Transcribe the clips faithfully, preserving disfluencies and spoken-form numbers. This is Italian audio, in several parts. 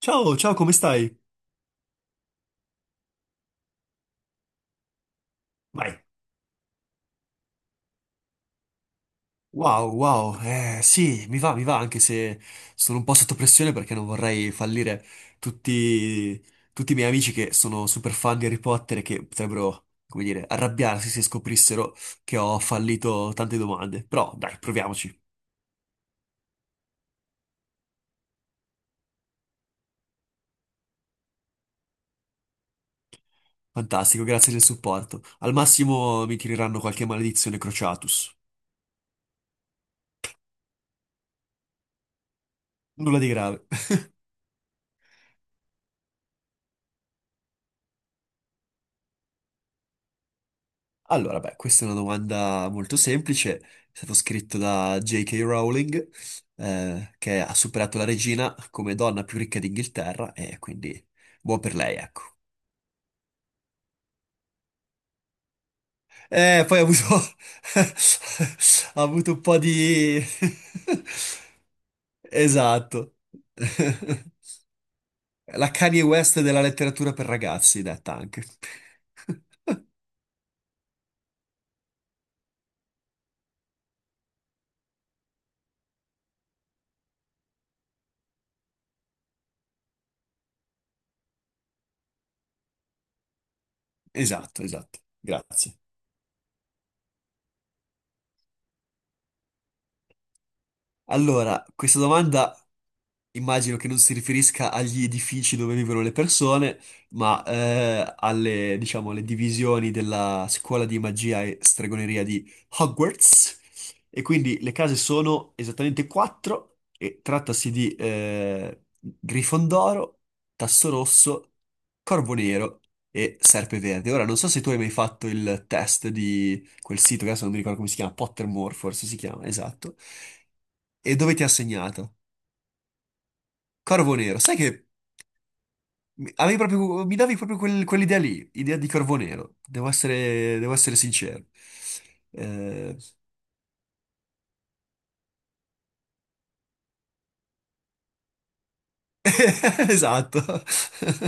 Ciao, ciao, come stai? Vai. Wow, wow, eh, sì, mi va, mi va, anche se sono un po' sotto pressione perché non vorrei fallire tutti, tutti i miei amici che sono super fan di Harry Potter e che potrebbero, come dire, arrabbiarsi se scoprissero che ho fallito tante domande. Però, dai, proviamoci. Fantastico, grazie del supporto. Al massimo mi tireranno qualche maledizione Crociatus. Nulla di grave. Allora, beh, questa è una domanda molto semplice. È stato scritto da J K. Rowling, eh, che ha superato la regina come donna più ricca d'Inghilterra, e quindi buon per lei, ecco. Eh, poi ha avuto, ha avuto un po' di... Esatto. La Kanye West della letteratura per ragazzi, detta anche. Esatto, esatto. Grazie. Allora, questa domanda immagino che non si riferisca agli edifici dove vivono le persone, ma eh, alle, diciamo, alle divisioni della scuola di magia e stregoneria di Hogwarts. E quindi le case sono esattamente quattro, e trattasi di eh, Grifondoro, Tasso Rosso, Corvo Nero e Serpe Verde. Ora, non so se tu hai mai fatto il test di quel sito, che adesso non mi ricordo come si chiama, Pottermore forse si chiama, esatto, e dove ti ha segnato. Corvo Nero, sai che mi, avevi proprio, mi davi proprio quel- quell'idea lì, idea di Corvo Nero, devo essere, devo essere sincero. Eh, Esatto,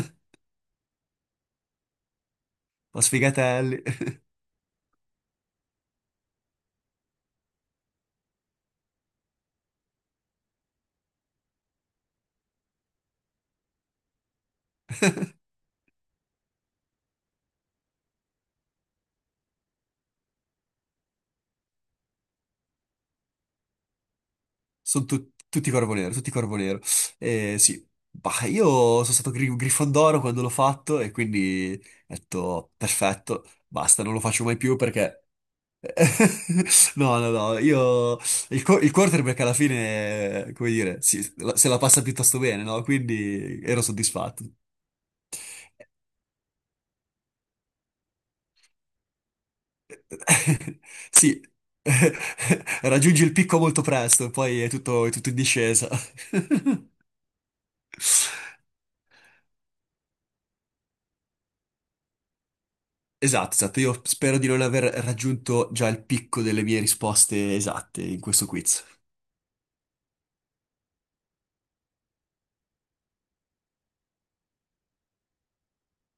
ma sfigatelli, sono tu- tutti Corvo Nero, tutti Corvo Nero. Eh, sì, bah, io sono stato Gri- Grifondoro quando l'ho fatto e quindi ho detto perfetto, basta, non lo faccio mai più perché... No, no, no, io il, qu- il quarterback alla fine, come dire, si- la- se la passa piuttosto bene, no? Quindi ero soddisfatto. Sì, raggiungi il picco molto presto, e poi è tutto, è tutto in discesa. Esatto, esatto, io spero di non aver raggiunto già il picco delle mie risposte esatte in questo quiz.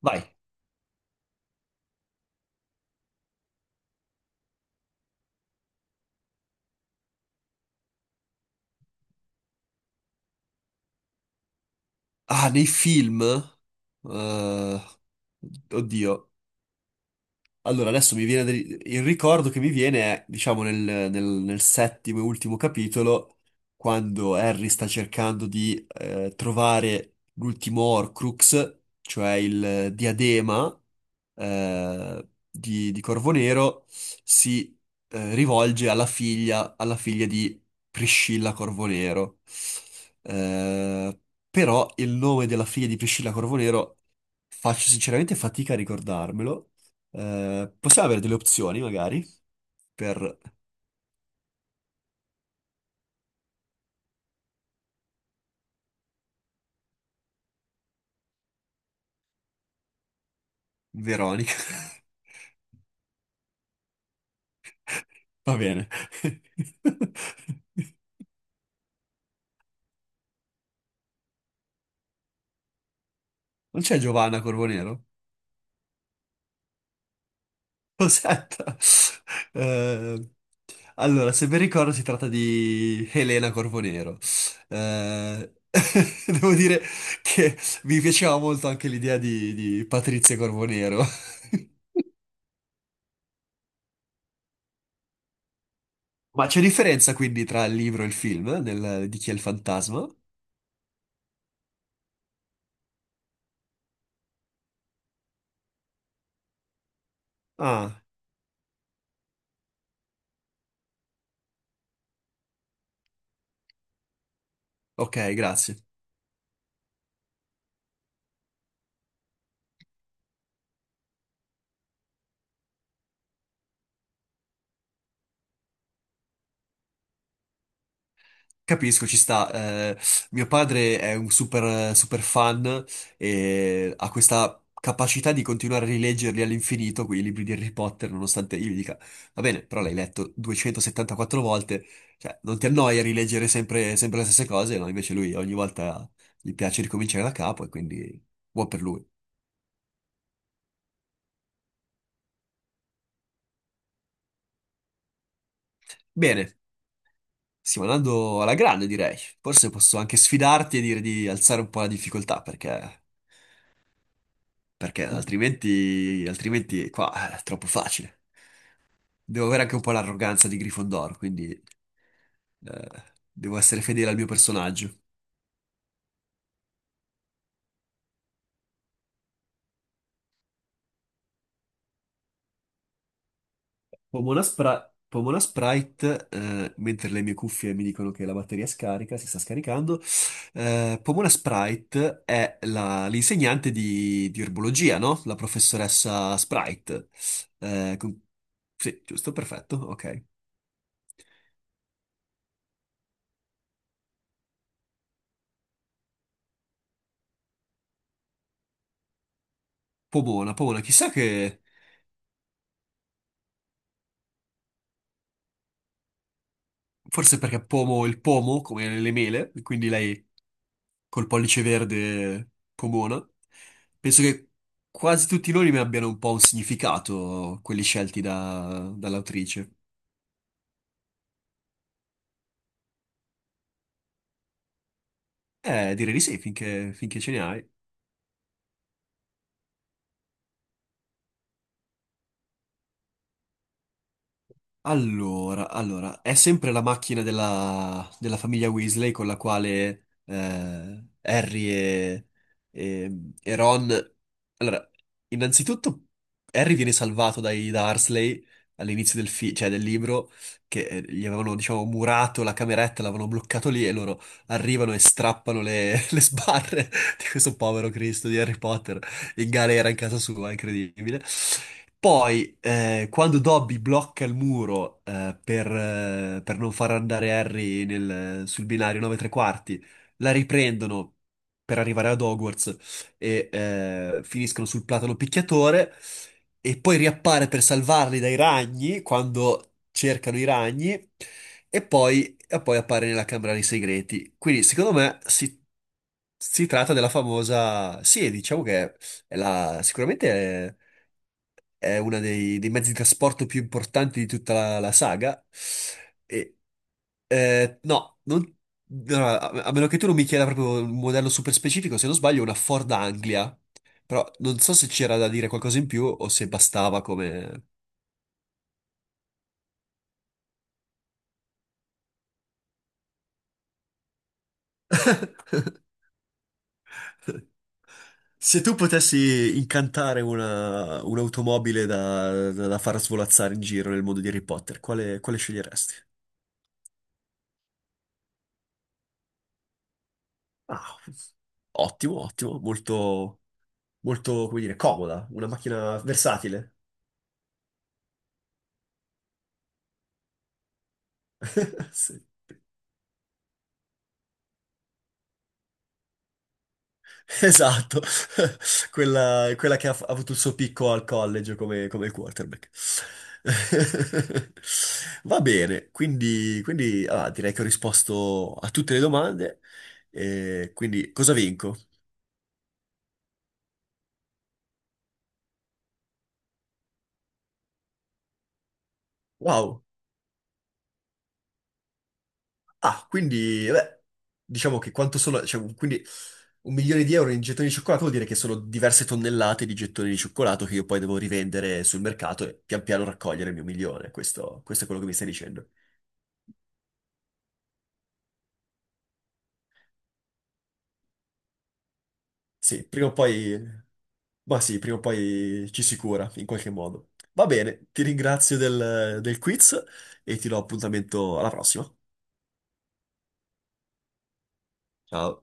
Vai. Ah, nei film? Eh, Oddio. Allora, adesso mi viene del- il ricordo che mi viene è, diciamo, nel, nel- nel settimo e ultimo capitolo, quando Harry sta cercando di eh, trovare l'ultimo Horcrux, cioè il diadema eh, di, di Corvo Nero, si eh, rivolge alla figlia, alla figlia di Priscilla Corvo Nero. Eh, Però il nome della figlia di Priscilla Corvo Nero faccio sinceramente fatica a ricordarmelo. Eh, possiamo avere delle opzioni, magari, per Veronica. Va bene. Non c'è Giovanna Corbonero? Aspetta. Eh, allora, se ben ricordo, si tratta di Elena Corbonero. Eh, Devo dire che mi piaceva molto anche l'idea di, di Patrizia Corbonero. Ma c'è differenza quindi tra il libro e il film, nel- di chi è il fantasma? Ah, ok, grazie. Capisco, ci sta. Eh, mio padre è un super, super fan e ha questa capacità di continuare a rileggerli all'infinito, quei libri di Harry Potter, nonostante io gli dica, va bene, però l'hai letto duecentosettantaquattro volte, cioè non ti annoia rileggere sempre, sempre le stesse cose, no? Invece lui ogni volta gli piace ricominciare da capo e quindi buon per lui. Bene, stiamo andando alla grande, direi. Forse posso anche sfidarti e dire di alzare un po' la difficoltà, perché... perché altrimenti, altrimenti qua è troppo facile. Devo avere anche un po' l'arroganza di Gryffondor, quindi eh, devo essere fedele al mio personaggio. Pomona, Spra- Pomona Sprite, eh, mentre le mie cuffie mi dicono che la batteria scarica, si sta scaricando, eh, Pomona Sprite è la- l'insegnante di, di erbologia, no? La professoressa Sprite. Eh, con- Sì, giusto, perfetto, ok. Pomona, Pomona, chissà che... Forse perché pomo il pomo, come nelle mele, quindi lei col pollice verde pomona. Penso che quasi tutti i nomi abbiano un po' un significato, quelli scelti da- dall'autrice. Eh, direi di sì, finché, finché ce ne hai. Allora, allora, è sempre la macchina della, della famiglia Weasley con la quale eh, Harry e, e- e Ron. Allora, innanzitutto Harry viene salvato dai Dursley all'inizio del, fi- cioè del libro, che eh, gli avevano, diciamo, murato la cameretta, l'avevano bloccato lì e loro arrivano e strappano le, le sbarre di questo povero Cristo di Harry Potter in galera in casa sua, incredibile. Poi, eh, quando Dobby blocca il muro eh, per, eh, per non far andare Harry nel- sul binario nove tre quarti, la riprendono per arrivare ad Hogwarts e eh, finiscono sul platano picchiatore. E poi riappare per salvarli dai ragni quando cercano i ragni. E poi, e poi appare nella Camera dei Segreti. Quindi, secondo me, si, si tratta della famosa. Sì, diciamo che è la- sicuramente è, è uno dei, dei mezzi di trasporto più importanti di tutta la, la saga. E, eh, no, non- allora, a a meno che tu non mi chieda proprio un modello super specifico, se non sbaglio, è una Ford Anglia. Però non so se c'era da dire qualcosa in più o se bastava come... Se tu potessi incantare una, un'automobile da, da- da far svolazzare in giro nel mondo di Harry Potter, quale, quale sceglieresti? Ah, ottimo, ottimo, molto. molto, come dire, comoda, una macchina versatile. Sì. Esatto, quella, quella che ha, ha avuto il suo picco al college come, come quarterback. Va bene, quindi, quindi, ah, direi che ho risposto a tutte le domande. E quindi cosa vinco? Wow! Ah, quindi, beh, diciamo che quanto sono, cioè, quindi un milione di euro in gettoni di cioccolato vuol dire che sono diverse tonnellate di gettoni di cioccolato che io poi devo rivendere sul mercato e pian piano raccogliere il mio milione. Questo, questo è quello che mi stai dicendo. Sì, prima o poi, ma sì, prima o poi ci si cura in qualche modo. Va bene, ti ringrazio del del quiz e ti do appuntamento alla prossima. Ciao.